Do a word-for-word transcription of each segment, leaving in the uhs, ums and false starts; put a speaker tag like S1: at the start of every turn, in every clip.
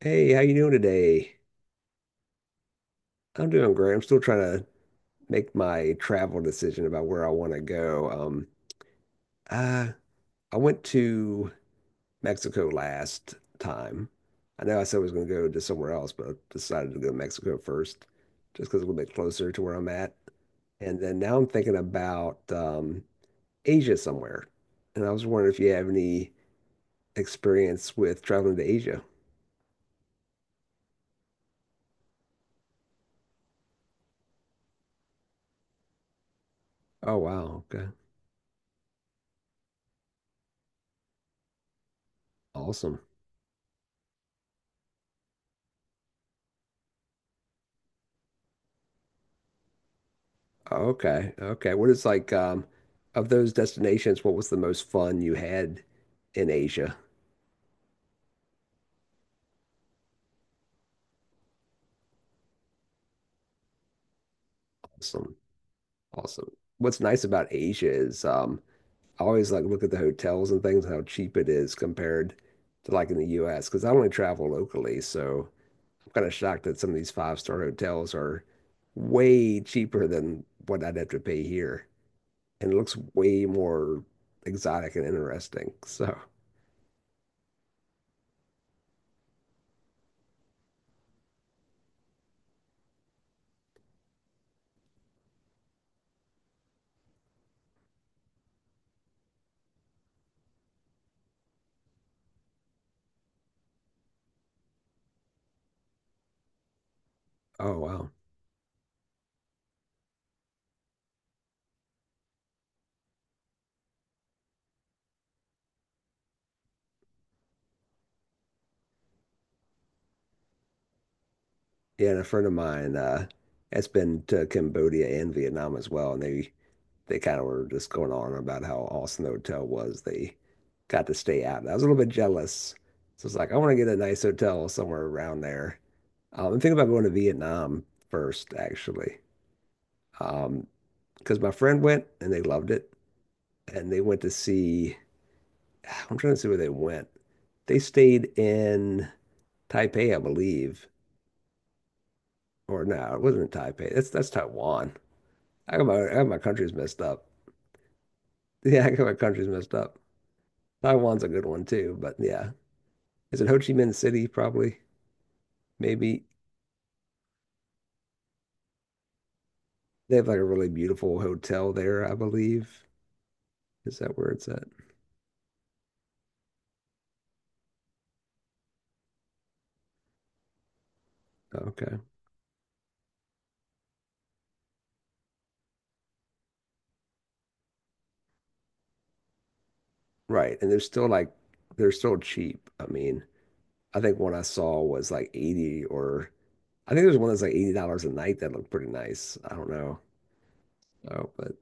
S1: Hey, how you doing today? I'm doing great. I'm still trying to make my travel decision about where I want to go. Um, uh, I went to Mexico last time. I know I said I was going to go to somewhere else, but I decided to go to Mexico first, just because it's a little bit closer to where I'm at. And then now I'm thinking about um, Asia somewhere. And I was wondering if you have any experience with traveling to Asia. Oh, wow. Okay. Awesome. Okay. Okay. What is like um of those destinations, what was the most fun you had in Asia? Awesome. Awesome. What's nice about Asia is um I always like look at the hotels and things and how cheap it is compared to like in the U S because I only travel locally, so I'm kind of shocked that some of these five-star hotels are way cheaper than what I'd have to pay here. And it looks way more exotic and interesting. So, oh wow. Yeah, and a friend of mine uh, has been to Cambodia and Vietnam as well, and they they kind of were just going on about how awesome the hotel was. They got to stay out, and I was a little bit jealous. So it's like I want to get a nice hotel somewhere around there. Um, I'm thinking about going to Vietnam first, actually, um, because my friend went and they loved it, and they went to see. I'm trying to see where they went. They stayed in Taipei, I believe, or no, it wasn't in Taipei. That's that's Taiwan. How come my, how come my country's messed up? Yeah, how come my country's messed up? Taiwan's a good one too, but yeah. Is it Ho Chi Minh City? Probably. Maybe. They have like a really beautiful hotel there, I believe. Is that where it's at? Okay. Right. And they're still like, they're still cheap. I mean, I think one I saw was like eighty or I think there's one that's like eighty dollars a night that looked pretty nice. I don't know. Oh, but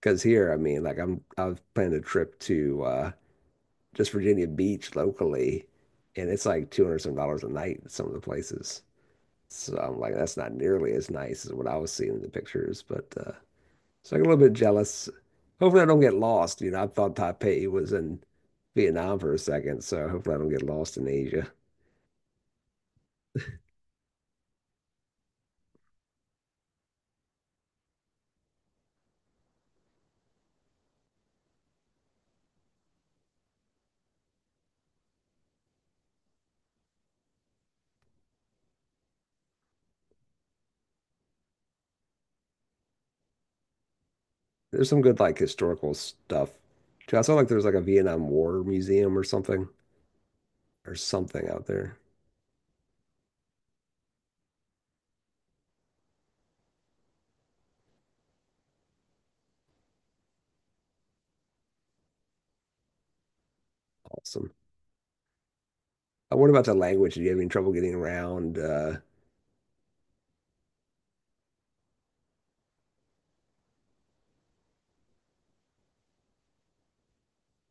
S1: because here, I mean, like I'm I've planned a trip to uh just Virginia Beach locally, and it's like two hundred some dollars a night in some of the places. So I'm like, that's not nearly as nice as what I was seeing in the pictures. But uh, so I get a little bit jealous. Hopefully, I don't get lost. You know, I thought Taipei was in Vietnam for a second, so hopefully, I don't get lost in Asia. There's some good like historical stuff too. I saw like there's like a Vietnam War museum or something or something out there. Awesome. Uh, what about the language? Do you have any trouble getting around? Uh,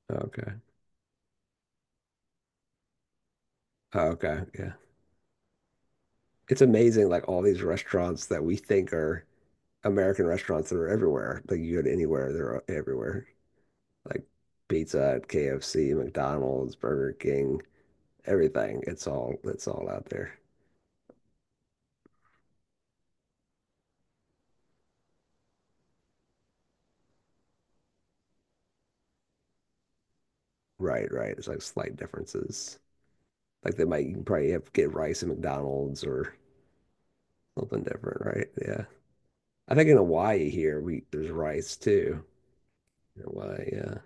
S1: okay. Okay. Yeah. It's amazing like all these restaurants that we think are American restaurants that are everywhere. Like you go to anywhere, they're everywhere. Like Pizza Hut, K F C, McDonald's, Burger King, everything. It's all it's all out there. Right, right. It's like slight differences. Like they might you can probably have get rice at McDonald's or something different, right? Yeah. I think in Hawaii here we there's rice too. In Hawaii, yeah.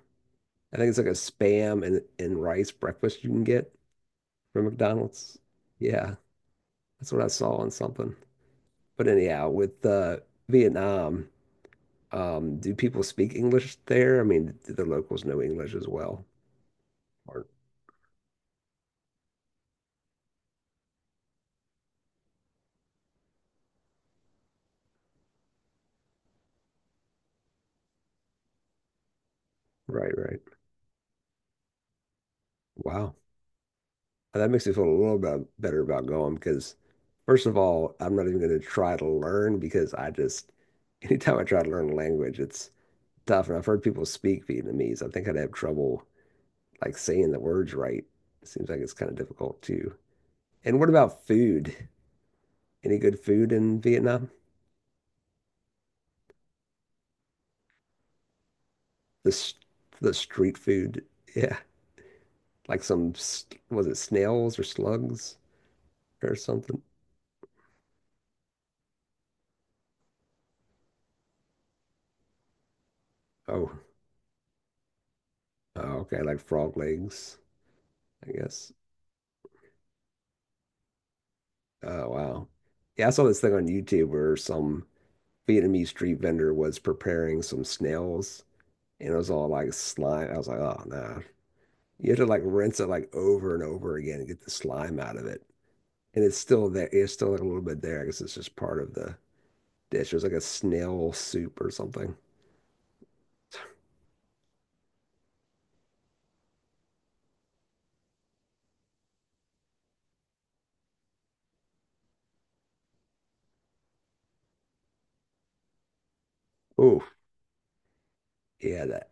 S1: I think it's like a spam and and rice breakfast you can get from McDonald's. Yeah. That's what I saw on something. But anyhow, with uh, Vietnam, um, do people speak English there? I mean, do the locals know English as well? Or- Right, right. Wow. That makes me feel a little bit better about going because, first of all, I'm not even going to try to learn because I just, anytime I try to learn a language, it's tough. And I've heard people speak Vietnamese. I think I'd have trouble like saying the words right. It seems like it's kind of difficult too. And what about food? Any good food in Vietnam? the the street food. Yeah, like some was it snails or slugs or something? Oh, oh, okay, like frog legs, I guess. Oh wow, yeah, I saw this thing on YouTube where some Vietnamese street vendor was preparing some snails, and it was all like slime. I was like, oh no, you have to like rinse it like over and over again and get the slime out of it, and it's still there. It's still like a little bit there. I guess it's just part of the dish. It was like a snail soup or something. Oh, yeah, that,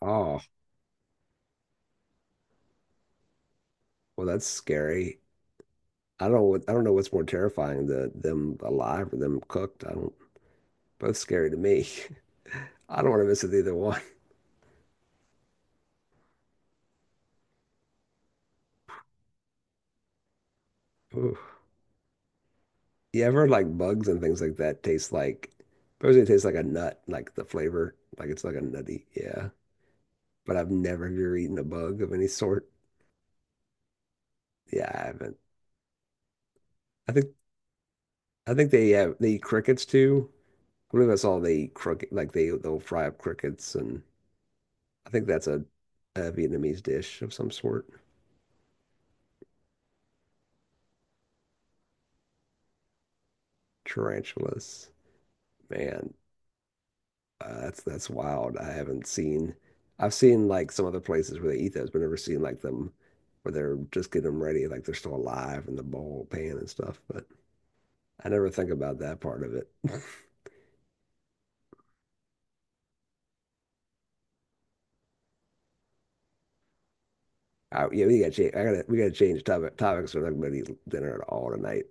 S1: oh, well, that's scary. I don't know what, I don't know what's more terrifying, the them alive or them cooked. I don't, both scary to me. I don't want to mess with either one. Ooh. Yeah, I've heard like bugs and things like that taste like, supposedly it tastes like a nut, like the flavor, like it's like a nutty. Yeah, but I've never have you ever eaten a bug of any sort. Yeah, I haven't. I think I think they have they eat crickets too. I believe I saw they eat cricket, like they they'll fry up crickets, and I think that's a, a Vietnamese dish of some sort. Tarantulas. Man, uh, that's that's wild. I haven't seen I've seen like some other places where they eat those, but never seen like them where they're just getting them ready, like they're still alive in the bowl pan and stuff. But I never think about that part of it. I, yeah, we gotta change. I gotta we gotta change topic topics. We're not gonna eat dinner at all tonight.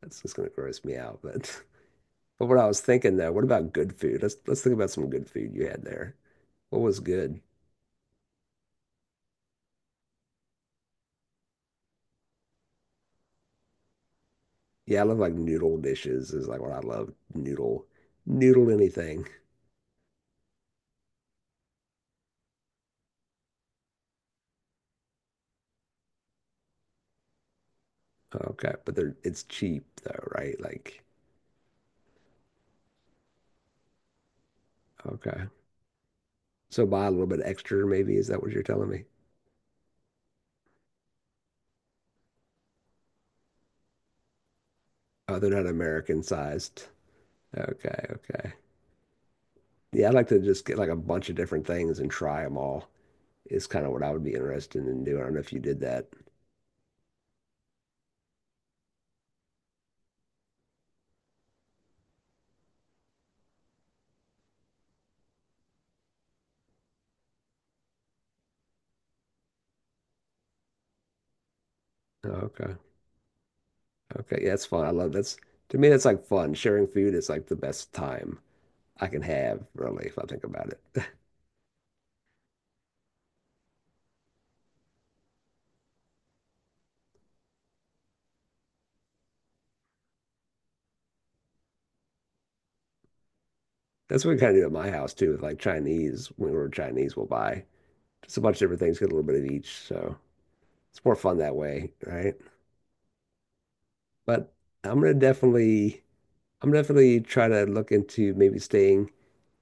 S1: That's just gonna gross me out. But but what I was thinking though, what about good food? Let's let's think about some good food you had there. What was good? Yeah, I love like noodle dishes is like what I love. Noodle, noodle anything. Okay, but they're it's cheap though, right? Like, okay. So buy a little bit extra, maybe. Is that what you're telling me? Oh, they're not American sized. Okay, okay. Yeah, I'd like to just get like a bunch of different things and try them all. Is kind of what I would be interested in doing. I don't know if you did that. Okay, okay. Yeah, that's fun. I love that's to me, that's like fun. Sharing food is like the best time I can have, really, if I think about it. That's what we kind of did at my house too, with like Chinese. When we were Chinese, we'll buy just a bunch of different things, get a little bit of each. So it's more fun that way, right? But I'm gonna definitely, I'm definitely try to look into maybe staying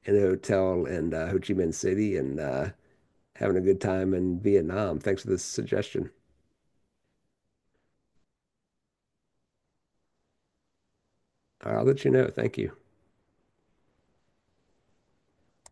S1: in a hotel in uh, Ho Chi Minh City and uh, having a good time in Vietnam. Thanks for this suggestion. All right, I'll let you know. Thank you.